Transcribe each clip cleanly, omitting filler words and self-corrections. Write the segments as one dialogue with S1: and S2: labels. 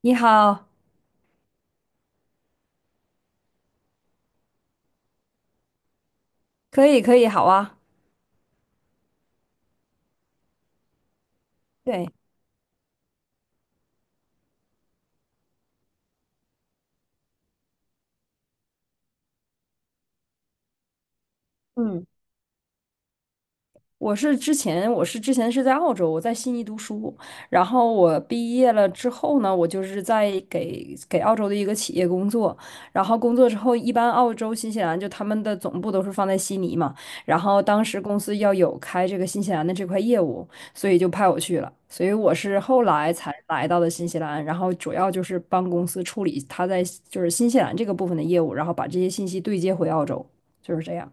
S1: 你好，可以，可以，好啊。对，嗯，我是之前是在澳洲，我在悉尼读书，然后我毕业了之后呢，我就是在给澳洲的一个企业工作，然后工作之后，一般澳洲、新西兰就他们的总部都是放在悉尼嘛，然后当时公司要有开这个新西兰的这块业务，所以就派我去了，所以我是后来才来到的新西兰，然后主要就是帮公司处理他在就是新西兰这个部分的业务，然后把这些信息对接回澳洲，就是这样。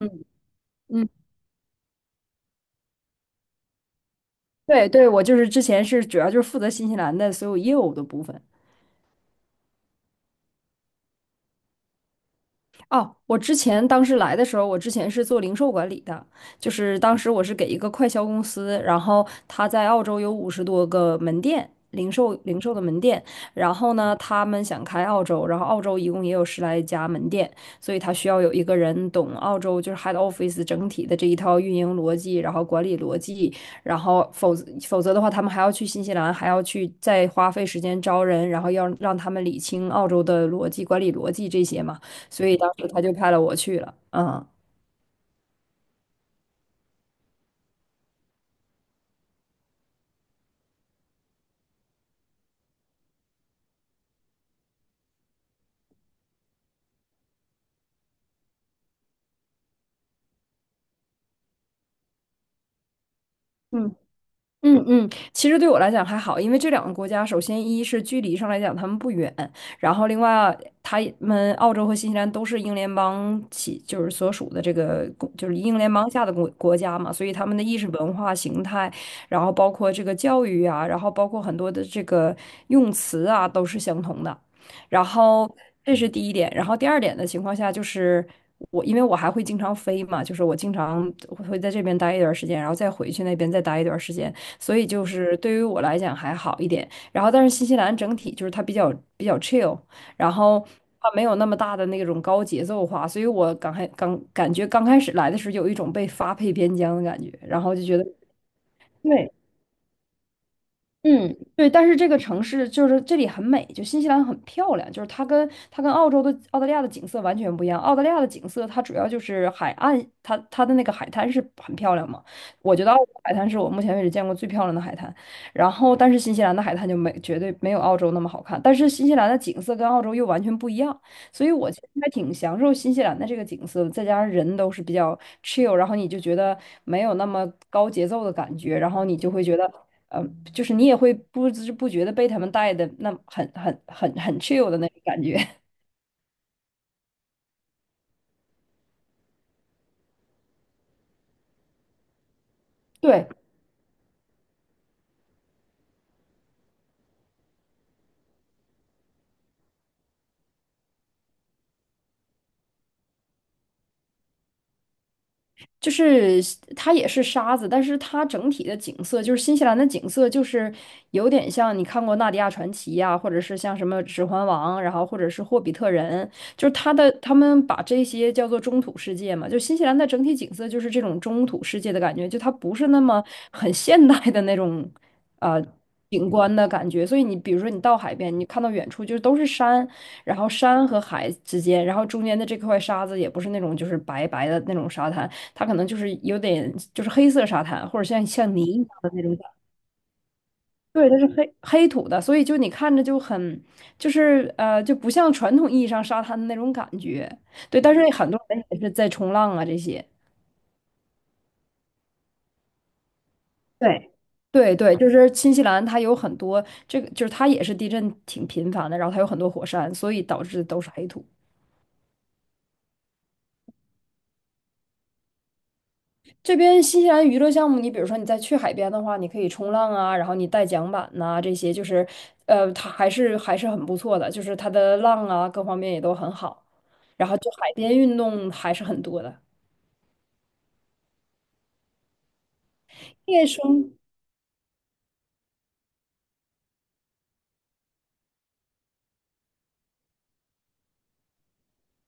S1: 嗯，对对，我就是之前是主要就是负责新西兰的所有业务的部分。哦，我之前当时来的时候，我之前是做零售管理的，就是当时我是给一个快销公司，然后他在澳洲有五十多个门店，零售的门店，然后呢，他们想开澳洲，然后澳洲一共也有十来家门店，所以他需要有一个人懂澳洲就是 head office 整体的这一套运营逻辑，然后管理逻辑，然后否则的话，他们还要去新西兰，还要去再花费时间招人，然后要让他们理清澳洲的逻辑、管理逻辑这些嘛。所以当时他就派了我去了。嗯，嗯。嗯嗯，其实对我来讲还好，因为这两个国家，首先一是距离上来讲他们不远，然后另外他们澳洲和新西兰都是英联邦起，就是所属的这个公就是英联邦下的国家嘛，所以他们的意识文化形态，然后包括这个教育啊，然后包括很多的这个用词啊，都是相同的。然后这是第一点，然后第二点的情况下就是。我因为我还会经常飞嘛，就是我经常会在这边待一段时间，然后再回去那边再待一段时间。所以就是对于我来讲还好一点。然后，但是新西兰整体就是它比较 chill，然后它没有那么大的那种高节奏化，所以我刚开刚感觉刚开始来的时候有一种被发配边疆的感觉，然后就觉得。对，嗯，对，但是这个城市就是这里很美，就新西兰很漂亮，就是它跟澳洲的澳大利亚的景色完全不一样。澳大利亚的景色它主要就是海岸，它的那个海滩是很漂亮嘛。我觉得澳洲海滩是我目前为止见过最漂亮的海滩。然后，但是新西兰的海滩就没绝对没有澳洲那么好看，但是新西兰的景色跟澳洲又完全不一样，所以我其实还挺享受新西兰的这个景色的，再加上人都是比较 chill，然后你就觉得没有那么高节奏的感觉，然后你就会觉得。呃，就是你也会不知不觉的被他们带的那很 chill 的那种感觉。对，就是它也是沙子，但是它整体的景色，就是新西兰的景色，就是有点像你看过《纳迪亚传奇》呀，或者是像什么《指环王》，然后或者是《霍比特人》，就是它的他们把这些叫做中土世界嘛，就新西兰的整体景色就是这种中土世界的感觉，就它不是那么很现代的那种呃景观的感觉，所以你比如说你到海边，你看到远处就是都是山，然后山和海之间，然后中间的这块沙子也不是那种就是白白的那种沙滩。它可能就是有点就是黑色沙滩，或者像泥一样的那种感觉。对，它是黑黑土的，所以就你看着就很就是就不像传统意义上沙滩的那种感觉。对，但是很多人也是在冲浪啊这些。对，对对，就是新西兰，它有很多这个，就是它也是地震挺频繁的，然后它有很多火山，所以导致都是黑土。这边新西兰娱乐项目，你比如说你再去海边的话，你可以冲浪啊，然后你带桨板呐、这些就是，它还是很不错的，就是它的浪啊各方面也都很好，然后就海边运动还是很多的。夜生，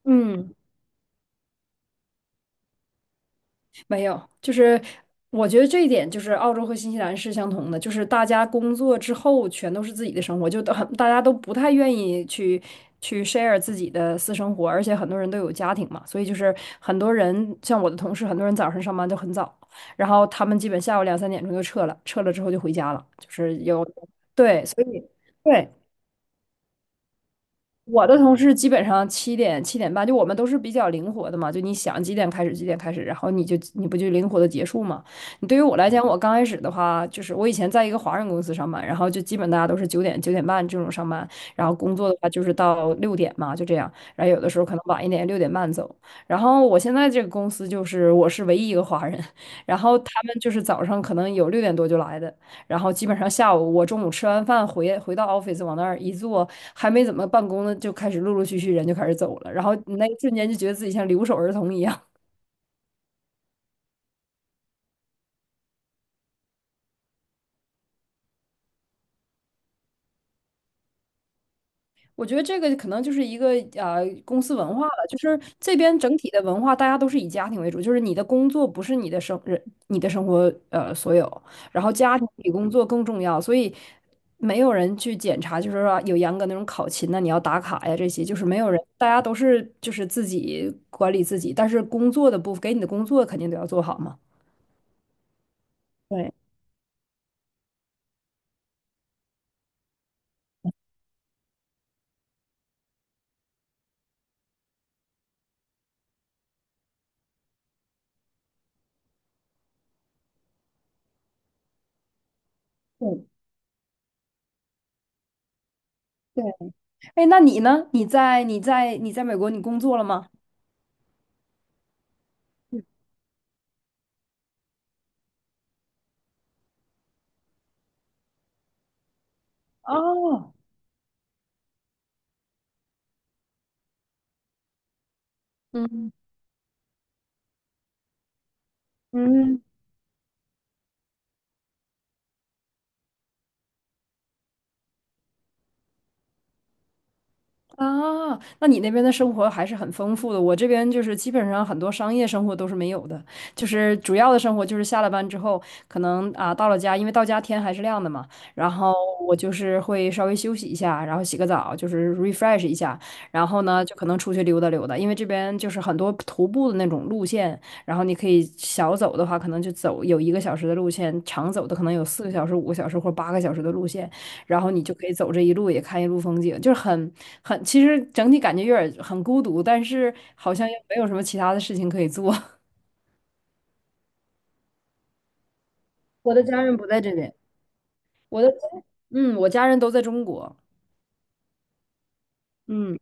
S1: 嗯。没有，就是我觉得这一点就是澳洲和新西兰是相同的，就是大家工作之后全都是自己的生活，就都很大家都不太愿意去 share 自己的私生活，而且很多人都有家庭嘛，所以就是很多人像我的同事，很多人早上上班都很早，然后他们基本下午两三点钟就撤了，撤了之后就回家了，就是有，对，所以。对，我的同事基本上七点半，就我们都是比较灵活的嘛，就你想几点开始几点开始，然后你就你不就灵活的结束嘛。你对于我来讲，我刚开始的话，就是我以前在一个华人公司上班，然后就基本大家都是九点半这种上班，然后工作的话就是到六点嘛，就这样，然后有的时候可能晚一点，六点半走。然后我现在这个公司就是我是唯一一个华人，然后他们就是早上可能有六点多就来的。然后基本上下午我中午吃完饭回到 office 往那儿一坐，还没怎么办公呢，就开始陆陆续续人就开始走了，然后那一瞬间就觉得自己像留守儿童一样。我觉得这个可能就是一个公司文化了，就是这边整体的文化，大家都是以家庭为主，就是你的工作不是你的生人，你的生活所有，然后家庭比工作更重要，所以没有人去检查，就是说有严格那种考勤呐，你要打卡呀这些，就是没有人，大家都是就是自己管理自己，但是工作的部分给你的工作肯定都要做好嘛。对对对，哎，那你呢？你在美国你工作了吗？哦，嗯嗯。啊，那你那边的生活还是很丰富的。我这边就是基本上很多商业生活都是没有的，就是主要的生活就是下了班之后，可能啊到了家，因为到家天还是亮的嘛，然后我就是会稍微休息一下，然后洗个澡，就是 refresh 一下，然后呢就可能出去溜达溜达，因为这边就是很多徒步的那种路线，然后你可以小走的话，可能就走有一个小时的路线，长走的可能有四个小时、五个小时或八个小时的路线。然后你就可以走这一路，也看一路风景，就是很，其实整体感觉有点很孤独，但是好像又没有什么其他的事情可以做。我的家人不在这边，我的家嗯，我家人都在中国。嗯，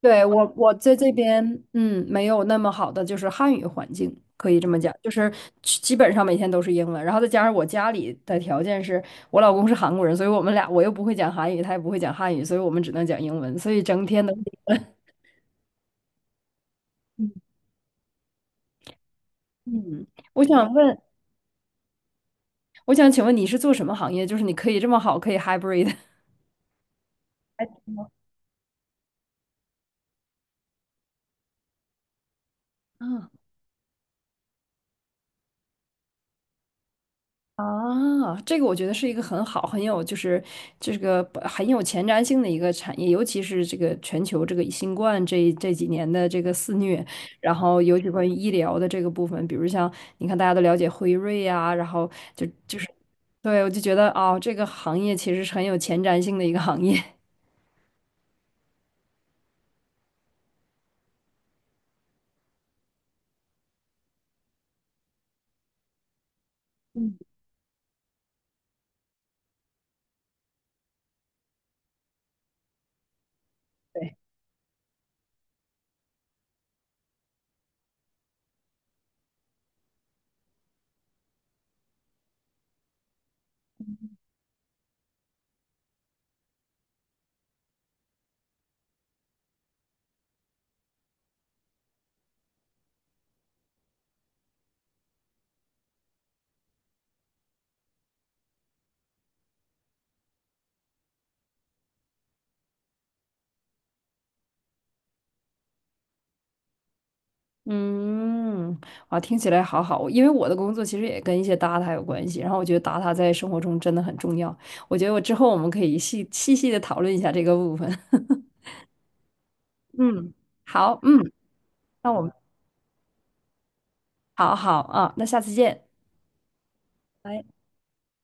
S1: 对，我在这边，嗯，没有那么好的就是汉语环境，可以这么讲，就是基本上每天都是英文，然后再加上我家里的条件是我老公是韩国人，所以我们俩我又不会讲韩语，他也不会讲汉语，所以我们只能讲英文，所以整天的，嗯，嗯。我想问。我想请问你是做什么行业？就是你可以这么好，可以 hybrid。还挺好。 这个我觉得是一个很好、很有就是这个很有前瞻性的一个产业，尤其是这个全球这个新冠这几年的这个肆虐，然后尤其关于医疗的这个部分，比如像你看大家都了解辉瑞啊，然后就对我就觉得哦，这个行业其实是很有前瞻性的一个行业。嗯，哇，听起来好好。因为我的工作其实也跟一些 data 有关系，然后我觉得 data 在生活中真的很重要。我觉得我之后我们可以细细的讨论一下这个部分。嗯，好，嗯，那我们好好啊，那下次见。拜。